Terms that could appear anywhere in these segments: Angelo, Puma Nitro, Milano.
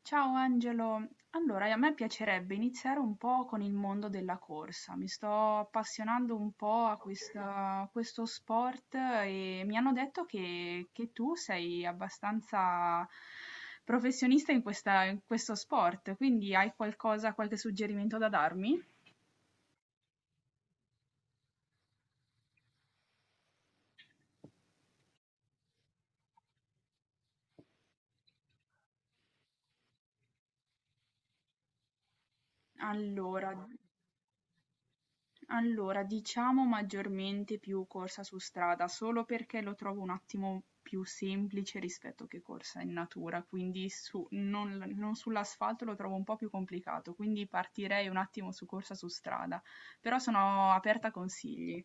Ciao Angelo, allora a me piacerebbe iniziare un po' con il mondo della corsa, mi sto appassionando un po' a questo sport e mi hanno detto che tu sei abbastanza professionista in questo sport, quindi hai qualcosa, qualche suggerimento da darmi? Allora. Allora, diciamo maggiormente più corsa su strada, solo perché lo trovo un attimo più semplice rispetto che corsa in natura, quindi non sull'asfalto lo trovo un po' più complicato, quindi partirei un attimo su corsa su strada, però sono aperta a consigli.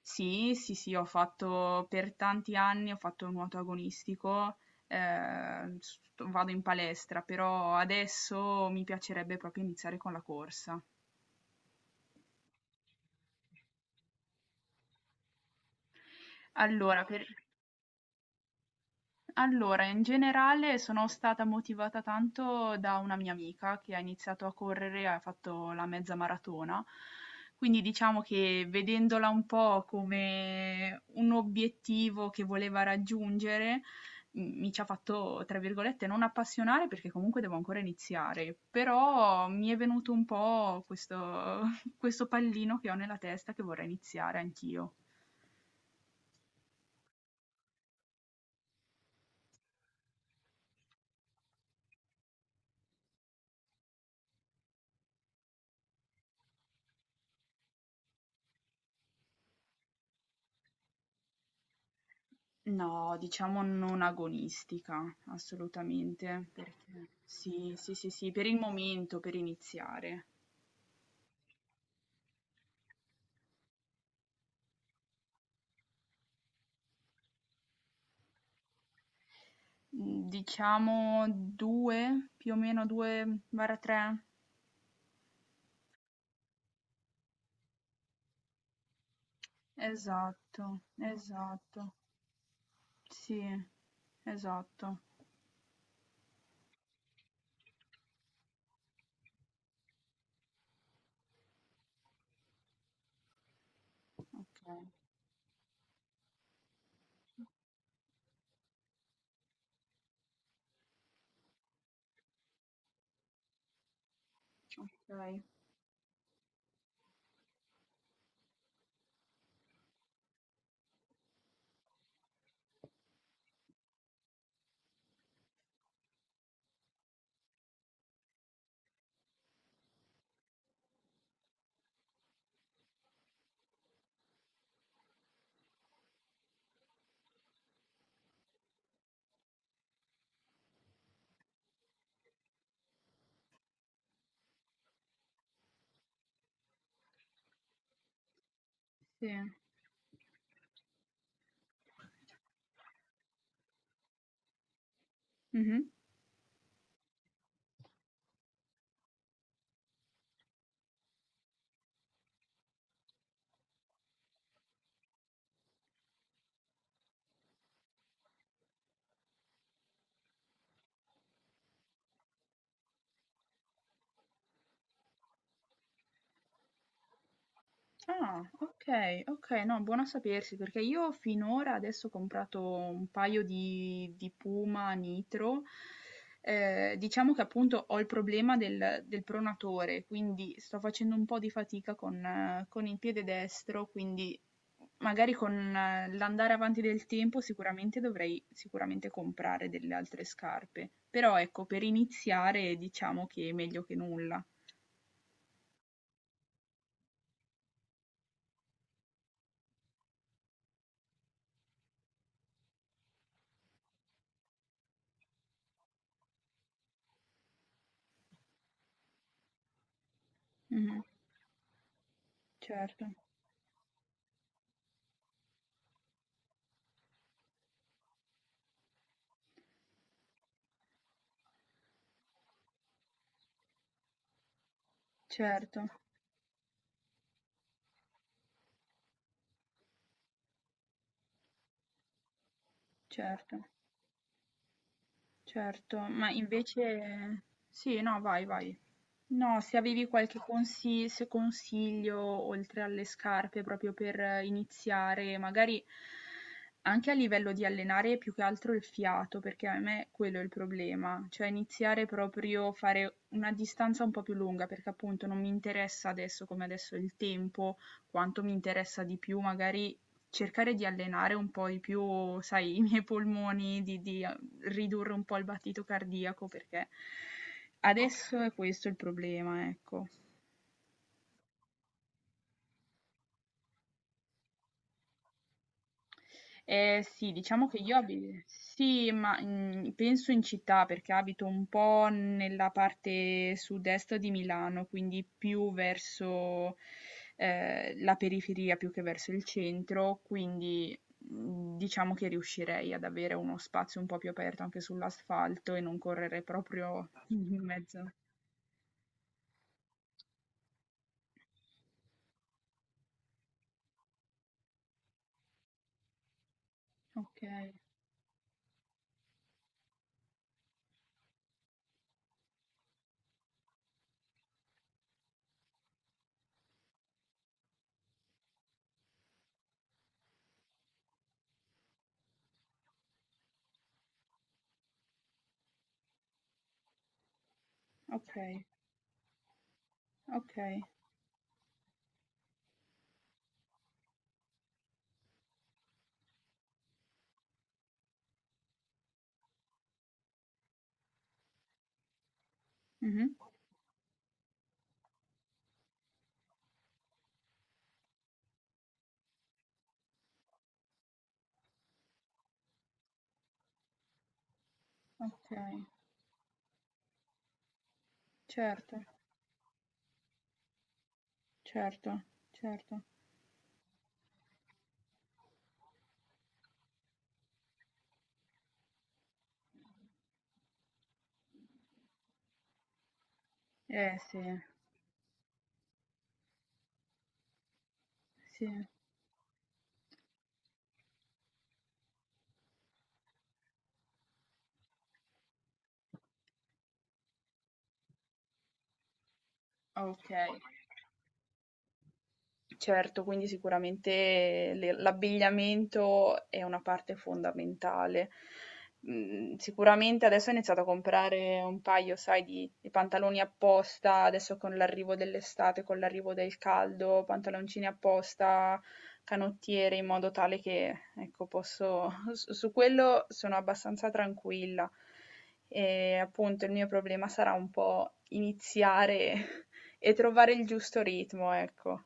Sì, sì, sì, ho fatto per tanti anni, ho fatto nuoto agonistico, vado in palestra, però adesso mi piacerebbe proprio iniziare con la corsa. Allora, per... Allora, in generale sono stata motivata tanto da una mia amica che ha iniziato a correre, ha fatto la mezza maratona, quindi diciamo che vedendola un po' come un obiettivo che voleva raggiungere, mi ci ha fatto, tra virgolette, non appassionare perché comunque devo ancora iniziare, però mi è venuto un po' questo, questo pallino che ho nella testa che vorrei iniziare anch'io. No, diciamo non agonistica, assolutamente, perché sì, sì, sì, sì, per il momento, per iniziare. Diciamo due, più o meno due, barra tre. Esatto, esatto, sì, esatto. Ok, ok, sì. Mhm. Ah, okay, okay, no, buono a sapersi perché io finora adesso ho comprato un paio di Puma Nitro. Diciamo che appunto ho il problema del pronatore, quindi sto facendo un po' di fatica con il piede destro, quindi magari con l'andare avanti del tempo sicuramente dovrei sicuramente comprare delle altre scarpe. Però ecco, per iniziare diciamo che è meglio che nulla. Mh-mh. Certo, certo, certo. Certo, ma invece sì, no, vai, vai. No, se consiglio oltre alle scarpe proprio per iniziare, magari anche a livello di allenare più che altro il fiato, perché a me quello è il problema, cioè iniziare proprio a fare una distanza un po' più lunga, perché appunto non mi interessa adesso come adesso il tempo, quanto mi interessa di più magari cercare di allenare un po' di più, sai, i miei polmoni, di ridurre un po' il battito cardiaco perché adesso è questo il problema, ecco. Sì, diciamo che io abito, sì, ma penso in città perché abito un po' nella parte sud-est di Milano, quindi più verso la periferia più che verso il centro, quindi diciamo che riuscirei ad avere uno spazio un po' più aperto anche sull'asfalto e non correre proprio in mezzo. Ok, ok. Okay, mh-mh. Okay, certo, certo, certo. Eh sì, sì, okay. Certo, quindi sicuramente le l'abbigliamento è una parte fondamentale. Mhmm, sicuramente adesso ho iniziato a comprare un paio, sai, di pantaloni apposta, adesso con l'arrivo dell'estate, con l'arrivo del caldo, pantaloncini apposta, canottiere, in modo tale che, ecco, posso s su quello sono abbastanza tranquilla. Appunto, il mio problema sarà un po' iniziare e trovare il giusto ritmo, ecco.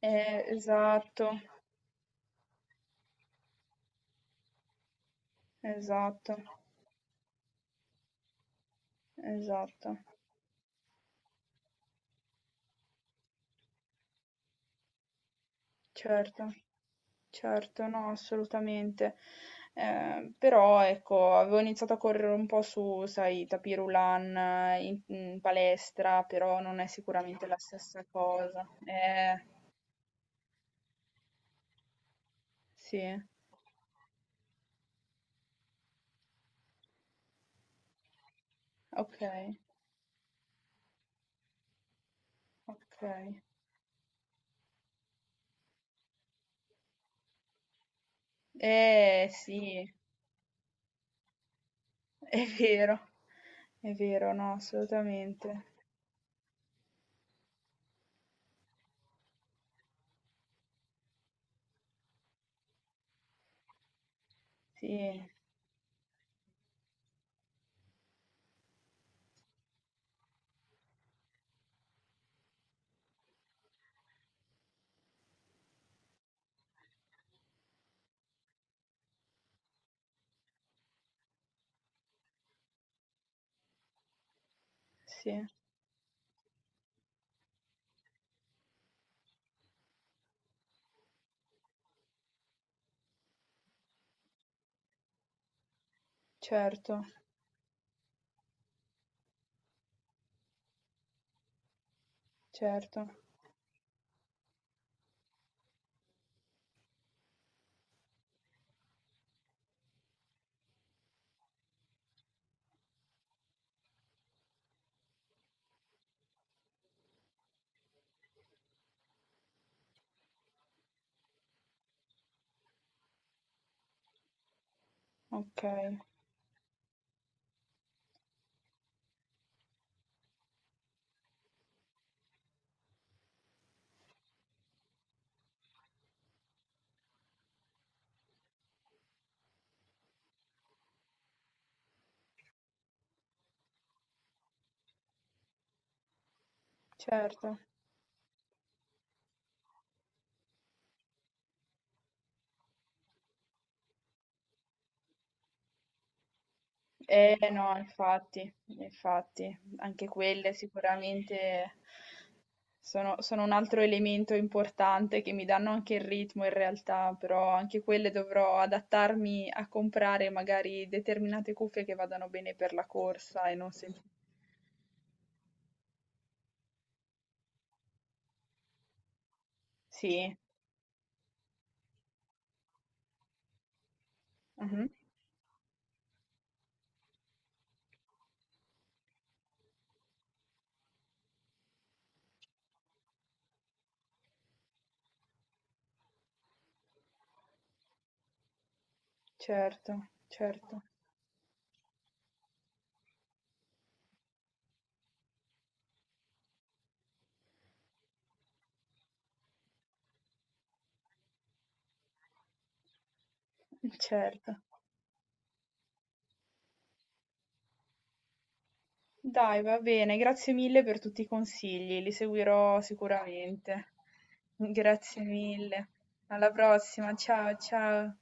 Esatto, esatto, esatto, certo, certo, no, assolutamente. Però ecco, avevo iniziato a correre un po' su, sai, tapis roulant in palestra, però non è sicuramente la stessa cosa. Sì, ok, ok. Sì, è vero, è vero, no, assolutamente. Sì, sì, certo, certo. Okay, certo. Eh no, infatti, infatti, anche quelle sicuramente sono un altro elemento importante che mi danno anche il ritmo in realtà, però anche quelle dovrò adattarmi a comprare magari determinate cuffie che vadano bene per la corsa e non sempli. Sì, mh-mh, certo, certo, certo. Dai, va bene, grazie mille per tutti i consigli, li seguirò sicuramente. Grazie mille. Alla prossima, ciao ciao.